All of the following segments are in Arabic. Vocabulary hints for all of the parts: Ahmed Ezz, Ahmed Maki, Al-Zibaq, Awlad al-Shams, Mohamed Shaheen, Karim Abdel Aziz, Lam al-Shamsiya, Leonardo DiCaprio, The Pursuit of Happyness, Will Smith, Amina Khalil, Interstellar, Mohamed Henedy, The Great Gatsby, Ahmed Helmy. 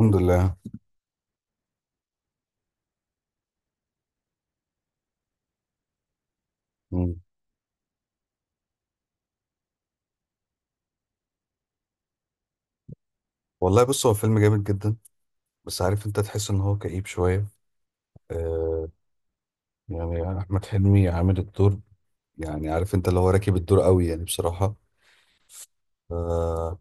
الحمد لله. مم. والله بص، هو فيلم جامد جدا. بس عارف، انت تحس ان هو كئيب شوية. آه. يعني احمد حلمي عامل الدور، يعني عارف انت، اللي هو راكب الدور قوي يعني بصراحة. آه.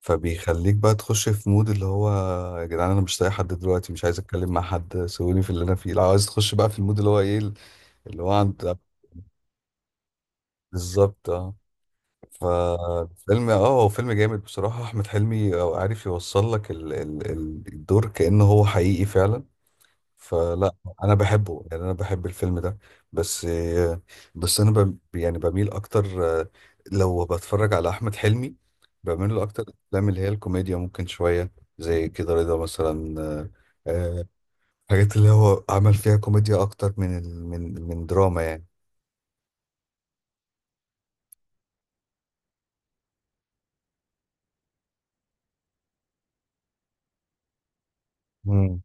فبيخليك بقى تخش في مود اللي هو يا جدعان، انا مش لاقي حد دلوقتي، مش عايز اتكلم مع حد، سيبوني في اللي انا فيه. لو عايز تخش بقى في المود اللي هو ايه، اللي هو عند. بالظبط، اه. فالفيلم اه، هو فيلم جامد بصراحة. احمد حلمي عارف يوصل لك الدور كأنه هو حقيقي فعلا. فلا، انا بحبه، يعني انا بحب الفيلم ده. بس بس انا يعني بميل اكتر، لو بتفرج على احمد حلمي، بميل له اكتر الافلام اللي هي الكوميديا، ممكن شويه زي كده رضا مثلا. آه، حاجات اللي هو عمل فيها كوميديا اكتر من من دراما يعني. امم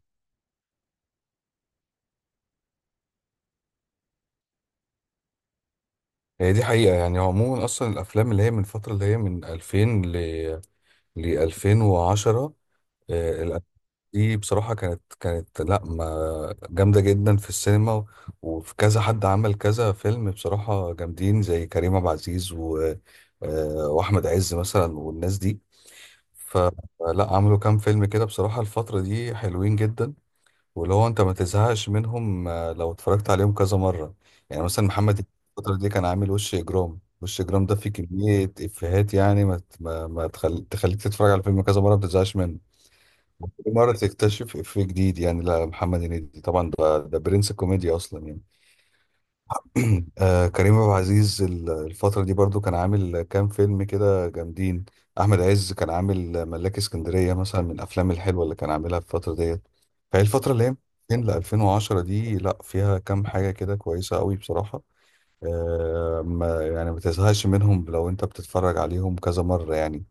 هي دي حقيقة. يعني عموما أصلا الأفلام اللي هي من فترة، اللي هي من 2000 ل ل 2010، الأفلام دي بصراحة كانت لا ما جامدة جدا في السينما، وفي كذا حد عمل كذا فيلم بصراحة جامدين، زي كريم عبد العزيز و وأحمد عز مثلا، والناس دي. فلا، عملوا كام فيلم كده بصراحة الفترة دي حلوين جدا، واللي هو أنت ما تزهقش منهم، آه، لو اتفرجت عليهم كذا مرة. يعني مثلا محمد الفترة دي كان عامل وش إجرام. وش إجرام ده فيه كمية إفيهات، يعني ما ت- ما ما تخليك تتفرج على الفيلم كذا مرة ما تزهقش منه، كل مرة تكتشف إفيه جديد. يعني لا، محمد هنيدي طبعا ده برنس الكوميديا أصلا يعني. آه، كريم عبد العزيز الفترة دي برضو كان عامل كام فيلم كده جامدين. أحمد عز كان عامل ملاك اسكندرية مثلا، من الأفلام الحلوة اللي كان عاملها في الفترة ديت. فهي الفترة اللي هي 2000 ل 2010 دي، لا فيها كام حاجة كده كويسة قوي بصراحة. آه، ما يعني ما تزهقش منهم لو أنت بتتفرج عليهم كذا مرة يعني.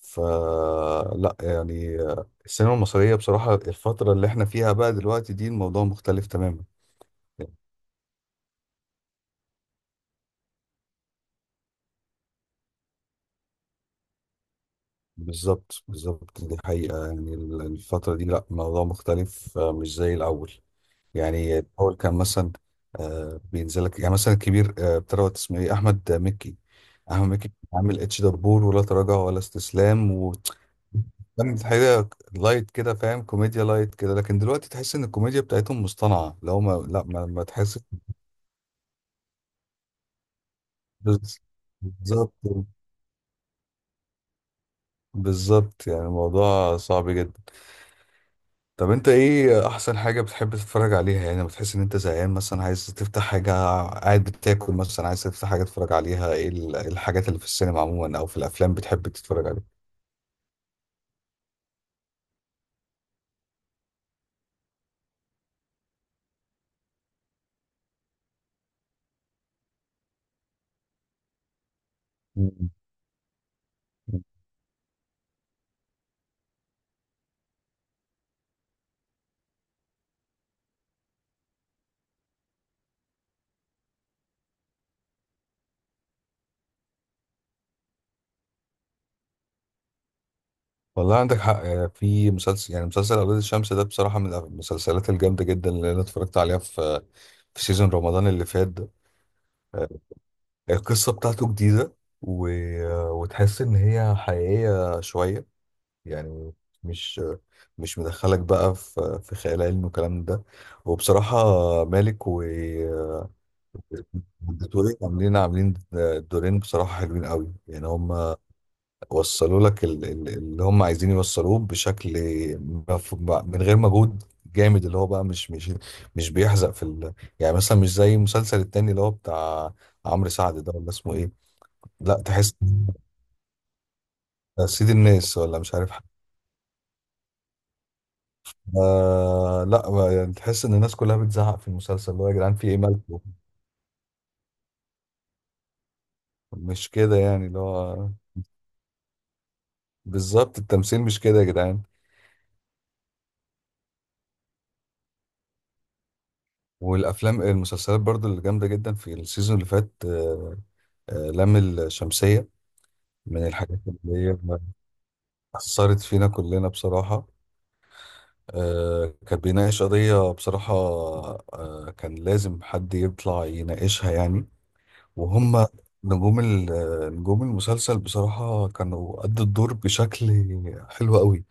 فلا، يعني السينما المصرية بصراحة، الفترة اللي احنا فيها بقى دلوقتي دي، الموضوع مختلف تماما. بالظبط، دي حقيقة يعني. الفترة دي لا الموضوع مختلف، آه، مش زي الأول. يعني الأول كان مثلا، بينزلك يعني مثلا الكبير، آه، بتروت اسمه ايه، أحمد مكي. أحمد مكي كان عامل اتش دبور، ولا تراجع ولا استسلام، و كانت حاجة لايت كده فاهم، كوميديا لايت كده، لكن دلوقتي تحس ان الكوميديا بتاعتهم مصطنعة. لو ما لا ما, ما تحسش. بز- بالظبط بالظبط، يعني الموضوع صعب جدا. طب انت ايه احسن حاجة بتحب تتفرج عليها، يعني لما بتحس ان انت زهقان مثلا عايز تفتح حاجة، قاعد بتاكل مثلا عايز تفتح حاجة تتفرج عليها، ايه إيه الحاجات اللي في السينما عموما او في الافلام بتحب تتفرج عليها؟ م- م. والله عندك حق. يعني في مسلسل، يعني مسلسل اولاد الشمس ده بصراحة من المسلسلات الجامدة جدا اللي انا اتفرجت عليها في في سيزون رمضان اللي فات ده. آه، القصة بتاعته جديدة، و... وتحس ان هي حقيقية شوية. يعني مش مش مدخلك بقى في في خيال علمي والكلام ده. وبصراحة، مالك و والدكتورين عاملين، دورين بصراحة حلوين قوي. يعني هم وصلوا لك اللي هم عايزين يوصلوه بشكل، مف- من غير مجهود جامد، اللي هو بقى مش بيحزق في يعني مثلا مش زي المسلسل التاني اللي هو بتاع عمرو سعد ده، ولا اسمه ايه؟ لا تحس، سيد الناس ولا مش عارف. آه، لا بقى، يعني تحس ان الناس كلها بتزعق في المسلسل، اللي هو يا جدعان في ايه، مالكم؟ مش كده يعني، اللي هو بالظبط، التمثيل مش كده يا جدعان. والافلام، المسلسلات برضو اللي جامده جدا في السيزون اللي فات، آه آه، لام الشمسيه، من الحاجات اللي هي اثرت فينا كلنا بصراحه. آه، كان بيناقش قضيه بصراحه، آه، كان لازم حد يطلع يناقشها يعني. وهم نجوم نجوم المسلسل بصراحة كانوا أدوا الدور بشكل حلو قوي.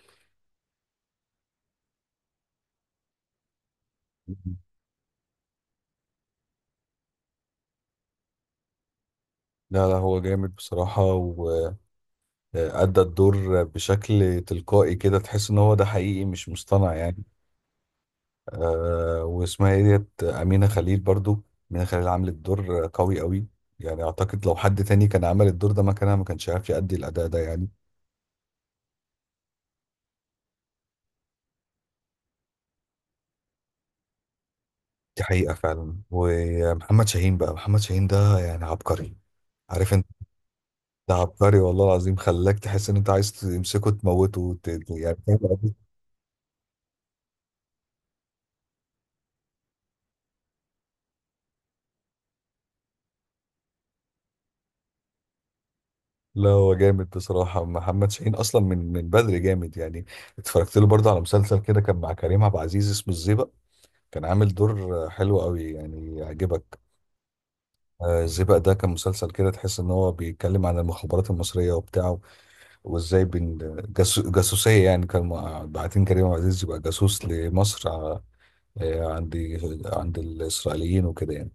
لا، هو جامد بصراحة. وأدى الدور بشكل تلقائي كده، تحس إن هو ده حقيقي مش مصطنع يعني. أه، واسمها إيه ديت، أمينة خليل برضو. أمينة خليل عملت دور قوي قوي، يعني أعتقد لو حد تاني كان عمل الدور ده مكانها ما كانش عارف يأدي الأداء ده يعني. دي حقيقة فعلا. ومحمد شاهين بقى، محمد شاهين ده يعني عبقري. عارف، ده عبقري والله العظيم، خلاك تحس ان انت عايز تمسكه تموته. يعني فاهم قصدي؟ لا هو جامد بصراحة. محمد شاهين أصلا من بدري جامد يعني. اتفرجت له برضه على مسلسل كده كان مع كريم عبد العزيز اسمه الزيبق، كان عامل دور حلو قوي يعني، يعجبك. آه، الزيبق ده كان مسلسل كده تحس ان هو بيتكلم عن المخابرات المصرية وبتاعه، وازاي بين جاسوسية يعني، كان باعتين كريم عبد العزيز يبقى جاسوس لمصر، عند، عند الإسرائيليين وكده يعني.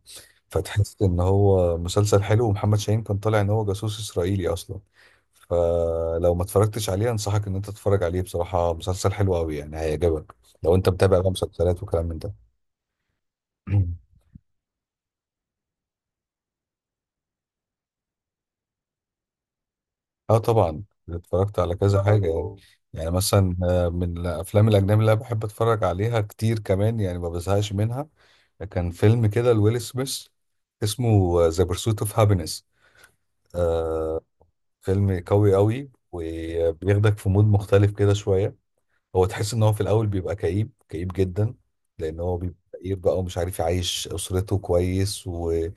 فتحس ان هو مسلسل حلو، ومحمد شاهين كان طالع ان هو جاسوس اسرائيلي اصلا. فلو ما اتفرجتش عليه، انصحك ان انت تتفرج عليه بصراحة، مسلسل حلو قوي يعني، هيعجبك، لو انت متابع بقى مسلسلات وكلام من ده. اه طبعا، اتفرجت على كذا حاجة يعني. يعني مثلا، من الافلام الاجنبي اللي انا بحب اتفرج عليها كتير كمان، يعني ما بزهقش منها، كان فيلم كده لويل سميث اسمه ذا بيرسوت اوف هابينس. فيلم قوي قوي، وبياخدك في مود مختلف كده شوية. هو تحس ان هو في الاول بيبقى كئيب جدا، لان هو بيبقى كئيب بقى ومش عارف يعيش اسرته كويس،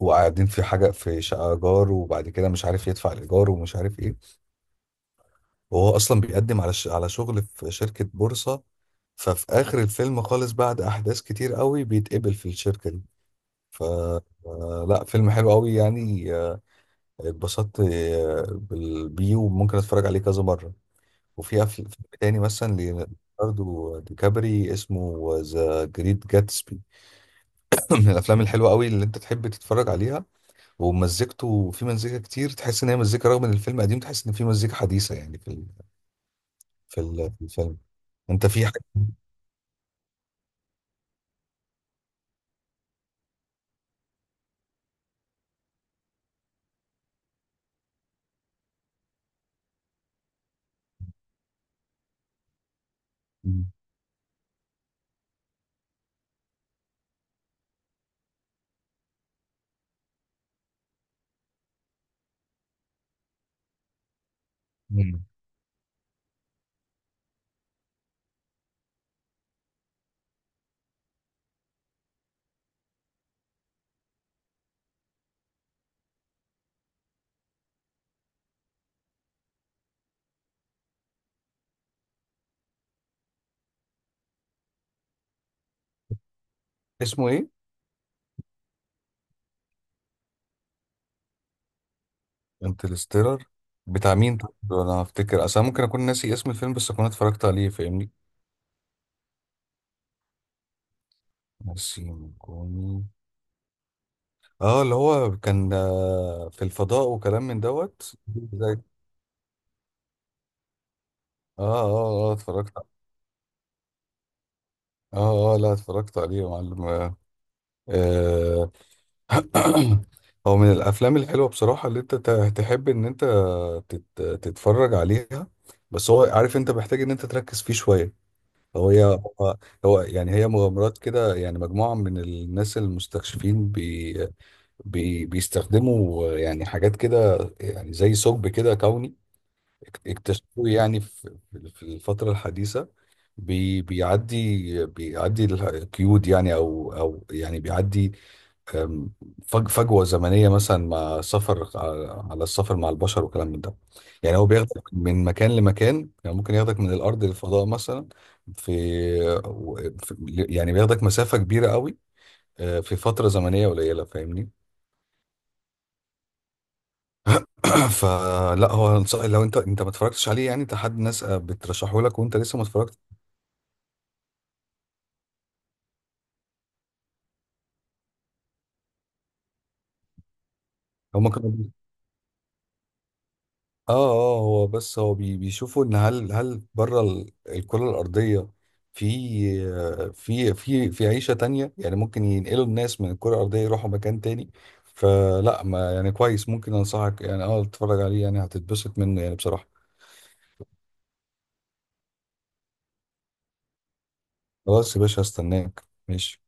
وقاعدين في حاجه، في شقه ايجار، وبعد كده مش عارف يدفع الايجار ومش عارف ايه، وهو اصلا بيقدم على على شغل في شركه بورصه. ففي اخر الفيلم خالص بعد احداث كتير قوي بيتقبل في الشركه دي. ف آه، لا فيلم حلو قوي يعني، آه، اتبسطت، آه، بيه، وممكن اتفرج عليه كذا مره. وفي فيلم تاني مثلا ليوناردو دي كابري اسمه ذا جريت جاتسبي، من الافلام الحلوه قوي اللي انت تحب تتفرج عليها. ومزيكته، في مزيكا كتير تحس ان هي مزيكا، رغم ان الفيلم قديم تحس ان في مزيكا حديثه يعني في في الفيلم. انت في حاجه؟ مم. اسمه ايه؟ انترستيلر. بتاع مين طب؟ انا هفتكر اصلا، ممكن اكون ناسي اسم الفيلم بس اكون اتفرجت عليه فاهمني. ناسي كوني، اه اللي هو كان، آه، في الفضاء وكلام من دوت. اه اه اه اتفرجت. اه لا، اتفرجت عليه يا معلم. آه، هو من الافلام الحلوه بصراحه اللي انت تحب ان انت تتفرج عليها، بس هو عارف انت محتاج ان انت تركز فيه شويه. هو هي هو هو يعني هي مغامرات كده يعني، مجموعه من الناس المستكشفين، بي بي بيستخدموا يعني حاجات كده يعني زي ثقب كده كوني اكتشفوه يعني، في في الفتره الحديثه، بي بيعدي بيعدي القيود يعني، او يعني بيعدي، أم، فجوه زمنيه مثلا، مع سفر على السفر مع البشر وكلام من ده. يعني هو بياخدك من مكان لمكان، يعني ممكن ياخدك من الارض للفضاء مثلا، في و- في- يعني بياخدك مسافه كبيره قوي، أه، في فتره زمنيه قليله فاهمني. فلا، هو لو انت، انت ما اتفرجتش عليه يعني، انت حد ناس، آه، بترشحه لك وانت لسه ما اتفرجت. هما كانوا، اه هو بس هو بيشوفوا ان هل بره الكرة الأرضية في في عيشة تانية، يعني ممكن ينقلوا الناس من الكرة الأرضية يروحوا مكان تاني. فلا ما يعني كويس، ممكن أنصحك يعني اه تتفرج عليه، يعني هتتبسط منه يعني بصراحة. خلاص يا باشا، هستناك. ماشي.